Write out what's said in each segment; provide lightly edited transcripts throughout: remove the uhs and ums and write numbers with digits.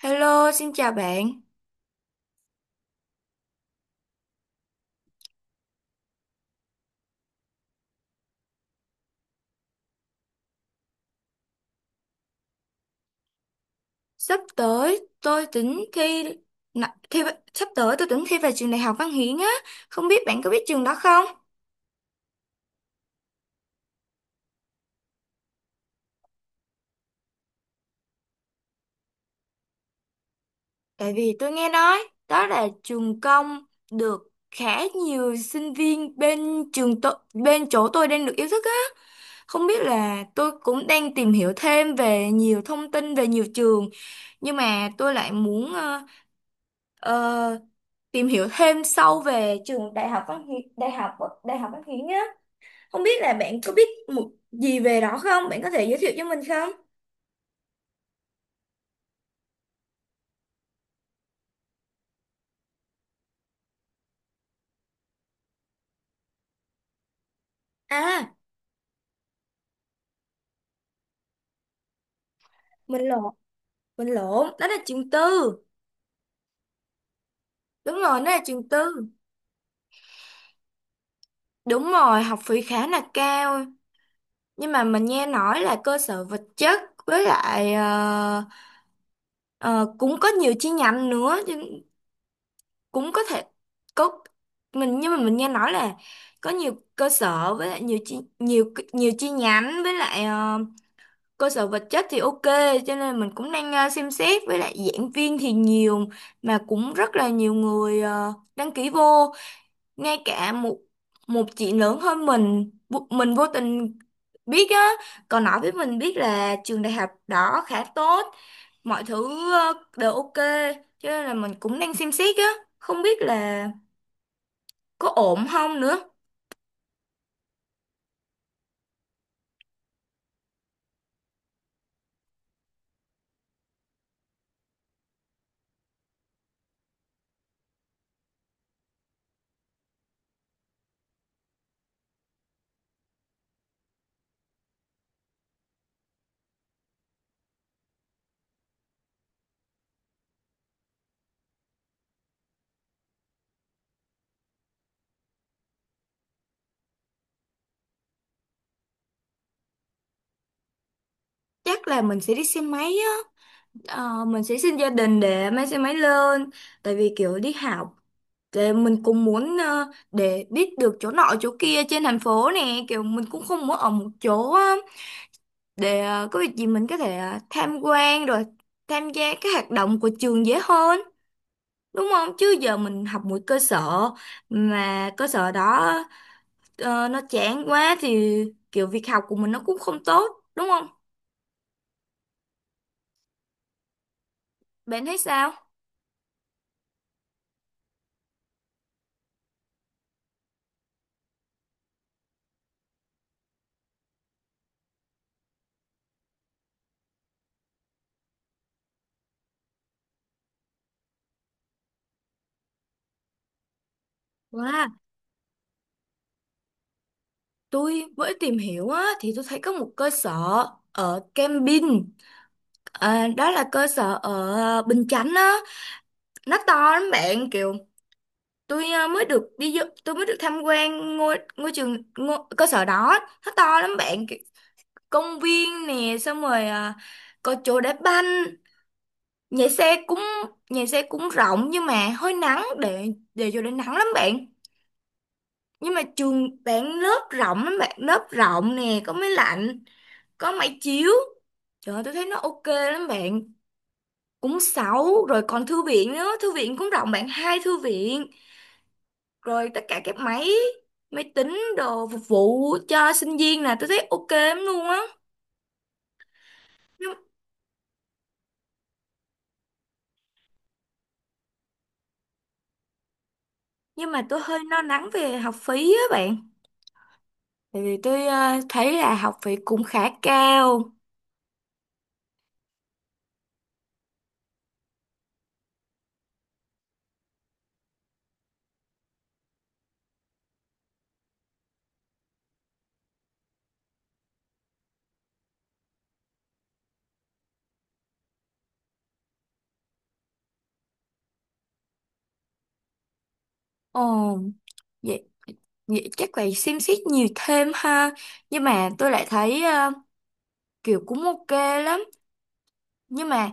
Hello, xin chào bạn. Sắp tới tôi tính thi, nà- thi sắp tới tôi tính thi vào trường Đại học Văn Hiến á, không biết bạn có biết trường đó không? Tại vì tôi nghe nói đó là trường công được khá nhiều sinh viên bên trường tôi, bên chỗ tôi đang được yêu thích á. Không biết là tôi cũng đang tìm hiểu thêm về nhiều thông tin về nhiều trường, nhưng mà tôi lại muốn ờ, tìm hiểu thêm sâu về trường Đại học Văn Hiến, Đại học Văn Hiến á. Không biết là bạn có biết một gì về đó không? Bạn có thể giới thiệu cho mình không? À, mình lộn, đó là trường tư. Đúng rồi, đó là trường tư. Đúng rồi, học phí khá là cao. Nhưng mà mình nghe nói là cơ sở vật chất với lại ờ, cũng có nhiều chi nhánh nữa, nhưng cũng có thể có mình nhưng mà mình nghe nói là có nhiều cơ sở với lại nhiều chi nhiều nhiều chi nhánh với lại cơ sở vật chất thì ok, cho nên mình cũng đang xem xét, với lại giảng viên thì nhiều mà cũng rất là nhiều người đăng ký vô. Ngay cả một một chị lớn hơn mình mình vô tình biết á còn nói với mình biết là trường đại học đó khá tốt, mọi thứ đều ok, cho nên là mình cũng đang xem xét á, không biết là có ổn không nữa. Chắc là mình sẽ đi xe máy á. Mình sẽ xin gia đình để mang xe máy lên, tại vì kiểu đi học. Thì mình cũng muốn để biết được chỗ nọ chỗ kia trên thành phố nè, kiểu mình cũng không muốn ở một chỗ á, để có việc gì mình có thể tham quan rồi tham gia các hoạt động của trường dễ hơn, đúng không? Chứ giờ mình học một cơ sở mà cơ sở đó nó chán quá thì kiểu việc học của mình nó cũng không tốt, đúng không? Bạn thấy sao? Wow, tôi mới tìm hiểu á, thì tôi thấy có một cơ sở ở Cam Vin, à, đó là cơ sở ở Bình Chánh á, nó to lắm bạn. Kiểu tôi mới được đi vô- tôi mới được tham quan ngôi ngôi trường ngôi, cơ sở đó, nó to lắm bạn. Kiểu công viên nè, xong rồi có chỗ đá banh, nhà xe cũng nhà xe cũng rộng nhưng mà hơi nắng, để vô để nắng lắm bạn. Nhưng mà trường bạn lớp rộng lắm bạn, lớp rộng nè, có máy lạnh, có máy chiếu. Trời ơi, tôi thấy nó ok lắm bạn, cũng sáu rồi, còn thư viện nữa, thư viện cũng rộng bạn, hai thư viện, rồi tất cả các máy máy tính đồ phục vụ cho sinh viên, là tôi thấy ok lắm luôn á. nhưng, nhưng mà tôi hơi lo lắng về học phí á bạn, tại vì tôi thấy là học phí cũng khá cao. Ồ, vậy, chắc phải xem xét nhiều thêm ha. Nhưng mà tôi lại thấy kiểu cũng ok lắm, nhưng mà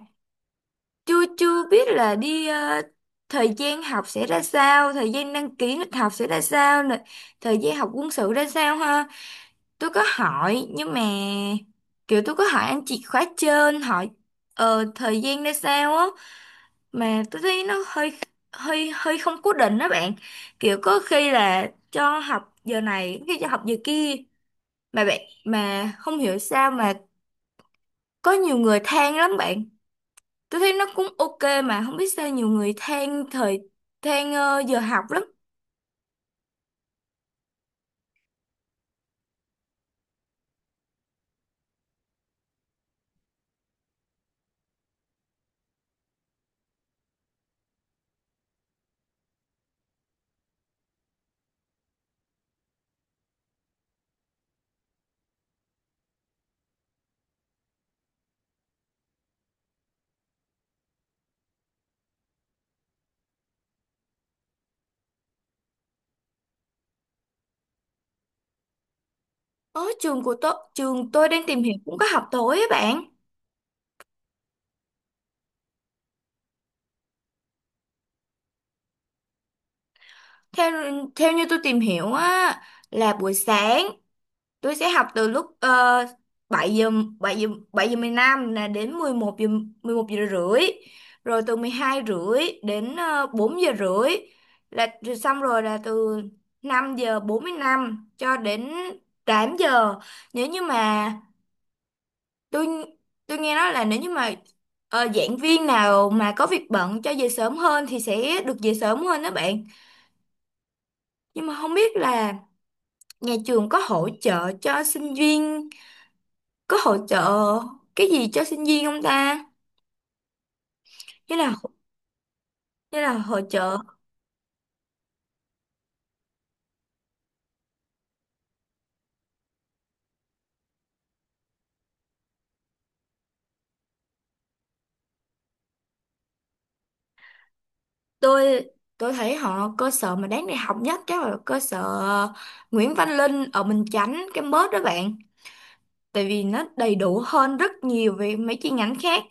chưa chưa biết là đi thời gian học sẽ ra sao, thời gian đăng ký lịch học sẽ ra sao nè, thời gian học quân sự ra sao ha. Tôi có hỏi nhưng mà kiểu tôi có hỏi anh chị khóa trên, hỏi thời gian ra sao á, mà tôi thấy nó hơi hơi hơi không cố định đó bạn. Kiểu có khi là cho học giờ này, có khi cho học giờ kia, mà bạn, mà không hiểu sao mà có nhiều người than lắm bạn. Tôi thấy nó cũng ok mà không biết sao nhiều người than thời, than giờ học lắm. Ở trường của tôi, trường tôi đang tìm hiểu cũng có học tối á bạn. Theo theo như tôi tìm hiểu á, là buổi sáng tôi sẽ học từ lúc 7 giờ 7 giờ 7 giờ 15 là đến 11 giờ 11 giờ rưỡi, rồi từ 12 rưỡi đến 4 giờ rưỡi, là rồi xong rồi là từ 5 giờ 45 cho đến 8 giờ. Nếu như mà tôi tôi nghe nói là nếu như mà giảng viên nào mà có việc bận cho về sớm hơn thì sẽ được về sớm hơn đó bạn. Nhưng mà không biết là nhà trường có hỗ trợ cho sinh viên, có hỗ trợ cái gì cho sinh viên không ta, như là hỗ trợ. tôi tôi thấy họ cơ sở mà đáng đại học nhất chắc là cơ sở Nguyễn Văn Linh ở Bình Chánh campus đó bạn, tại vì nó đầy đủ hơn rất nhiều về mấy chi nhánh khác.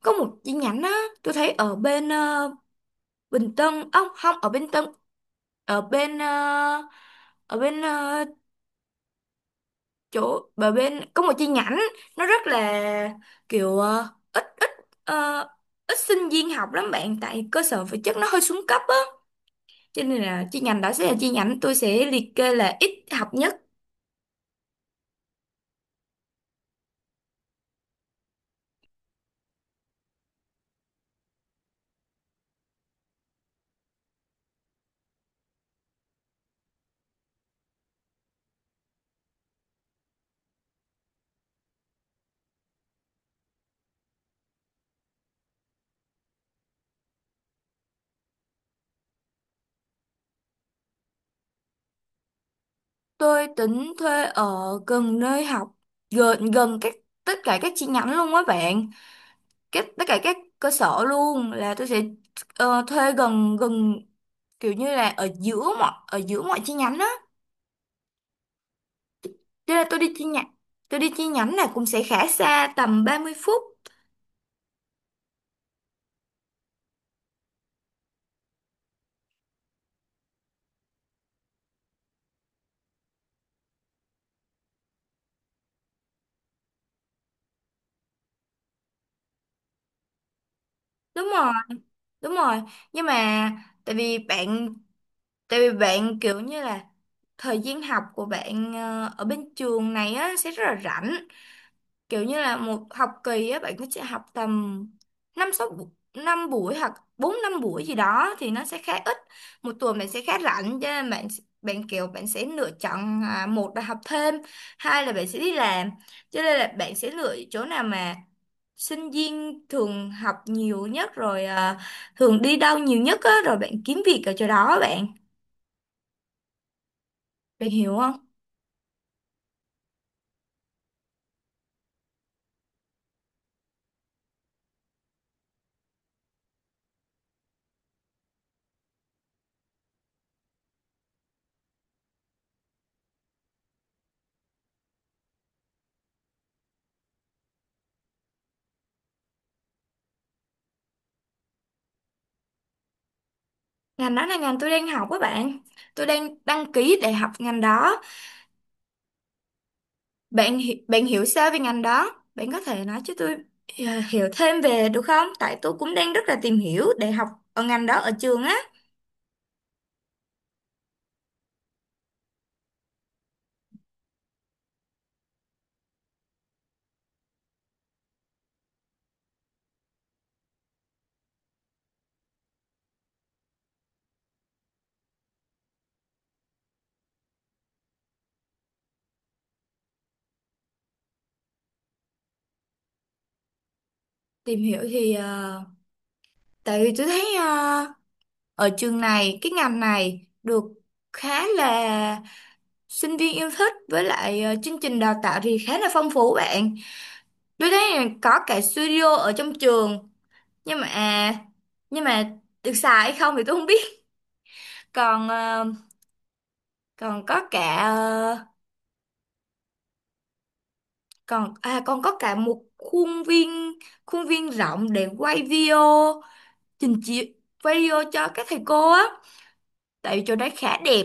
Có một chi nhánh á, tôi thấy ở bên Bình Tân, ông không, ở bên Tân, ở bên ở bên ờ, chỗ ở bên có một chi nhánh, nó rất là kiểu ít ít ờ, ít sinh viên học lắm bạn, tại cơ sở vật chất nó hơi xuống cấp á, cho nên là chi nhánh đó sẽ là chi nhánh tôi sẽ liệt kê là ít học nhất. Tôi tính thuê ở gần nơi học, gần gần các, tất cả các chi nhánh luôn á bạn. Các tất cả các cơ sở luôn là tôi sẽ thuê gần gần, kiểu như là ở giữa mọi chi nhánh á. Thế là tôi đi chi nhánh, là cũng sẽ khá xa, tầm 30 phút. Đúng rồi. Đúng rồi. Nhưng mà tại vì bạn tại vì bạn kiểu như là thời gian học của bạn ở bên trường này á sẽ rất là rảnh. Kiểu như là một học kỳ á bạn sẽ học tầm năm sáu bu- năm buổi hoặc bốn năm buổi gì đó, thì nó sẽ khá ít, một tuần bạn sẽ khá rảnh. Cho nên bạn, bạn kiểu bạn sẽ lựa chọn à, một là học thêm, hai là bạn sẽ đi làm. Cho nên là bạn sẽ lựa chỗ nào mà sinh viên thường học nhiều nhất rồi à, thường đi đâu nhiều nhất á, rồi bạn kiếm việc ở chỗ đó bạn, bạn hiểu không? Ngành đó là ngành tôi đang học á bạn, tôi đang đăng ký để học ngành đó. Bạn hiểu sao về ngành đó? Bạn có thể nói cho tôi à, hiểu thêm về được không? Tại tôi cũng đang rất là tìm hiểu để học ở ngành đó ở trường á. Tìm hiểu thì tại vì tôi thấy ở trường này cái ngành này được khá là sinh viên yêu thích với lại chương trình đào tạo thì khá là phong phú bạn. Tôi thấy là có cả studio ở trong trường, nhưng mà à, nhưng mà được xài hay không thì tôi không biết. Còn còn có cả còn có cả một khuôn viên, khuôn viên rộng để quay video, trình chiếu, quay video cho các thầy cô á, tại vì chỗ đấy khá đẹp,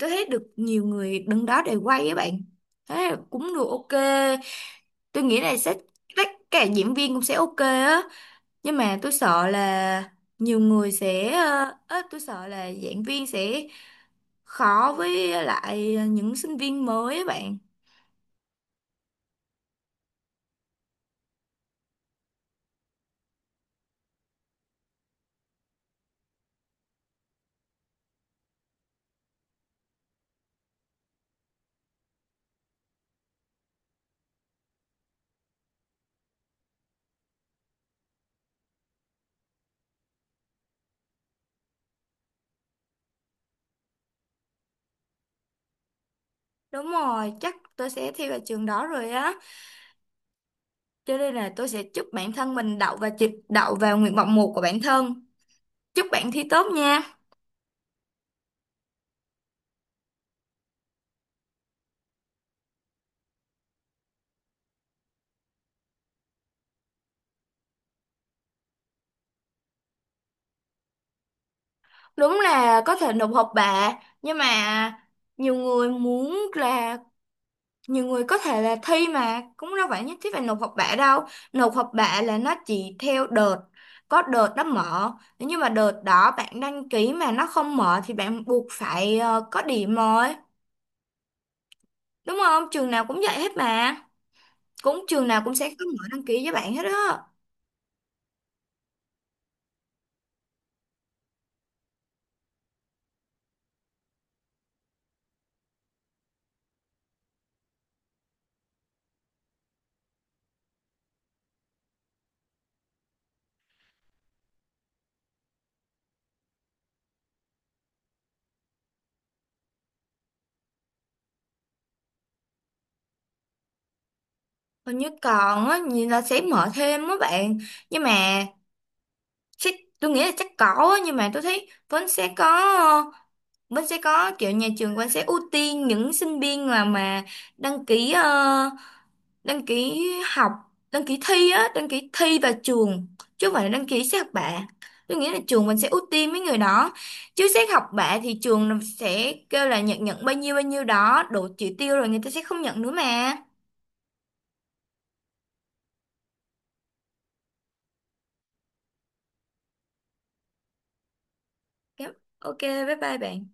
tôi thấy được nhiều người đứng đó để quay á bạn. Thế là cũng được ok, tôi nghĩ là sẽ, tất cả diễn viên cũng sẽ ok á. Nhưng mà tôi sợ là nhiều người sẽ á, tôi sợ là giảng viên sẽ khó với lại những sinh viên mới á bạn. Đúng rồi, chắc tôi sẽ thi vào trường đó rồi á. Cho nên là tôi sẽ chúc bản thân mình đậu và chịch đậu vào nguyện vọng một của bản thân. Chúc bạn thi tốt nha. Đúng là có thể nộp học bạ, nhưng mà nhiều người muốn là, nhiều người có thể là thi mà cũng đâu phải nhất thiết phải nộp học bạ đâu. Nộp học bạ là nó chỉ theo đợt, có đợt nó mở. Nếu như mà đợt đó bạn đăng ký mà nó không mở thì bạn buộc phải có điểm rồi. Đúng không? Trường nào cũng vậy hết mà. Cũng trường nào cũng sẽ có mở đăng ký với bạn hết á. Hình như còn á, nhìn là sẽ mở thêm á bạn. Nhưng mà chắc, tôi nghĩ là chắc có á. Nhưng mà tôi thấy vẫn sẽ có ờ, vẫn sẽ có kiểu nhà trường vẫn sẽ ưu tiên những sinh viên là mà đăng ký đăng ký học đăng ký thi á, đăng ký thi vào trường, chứ không phải là đăng ký xét học bạ. Tôi nghĩ là trường mình sẽ ưu tiên mấy người đó, chứ xét học bạ thì trường sẽ kêu là nhận, nhận bao nhiêu đó đủ chỉ tiêu rồi người ta sẽ không nhận nữa mà. Yep, ok, bye bye bạn.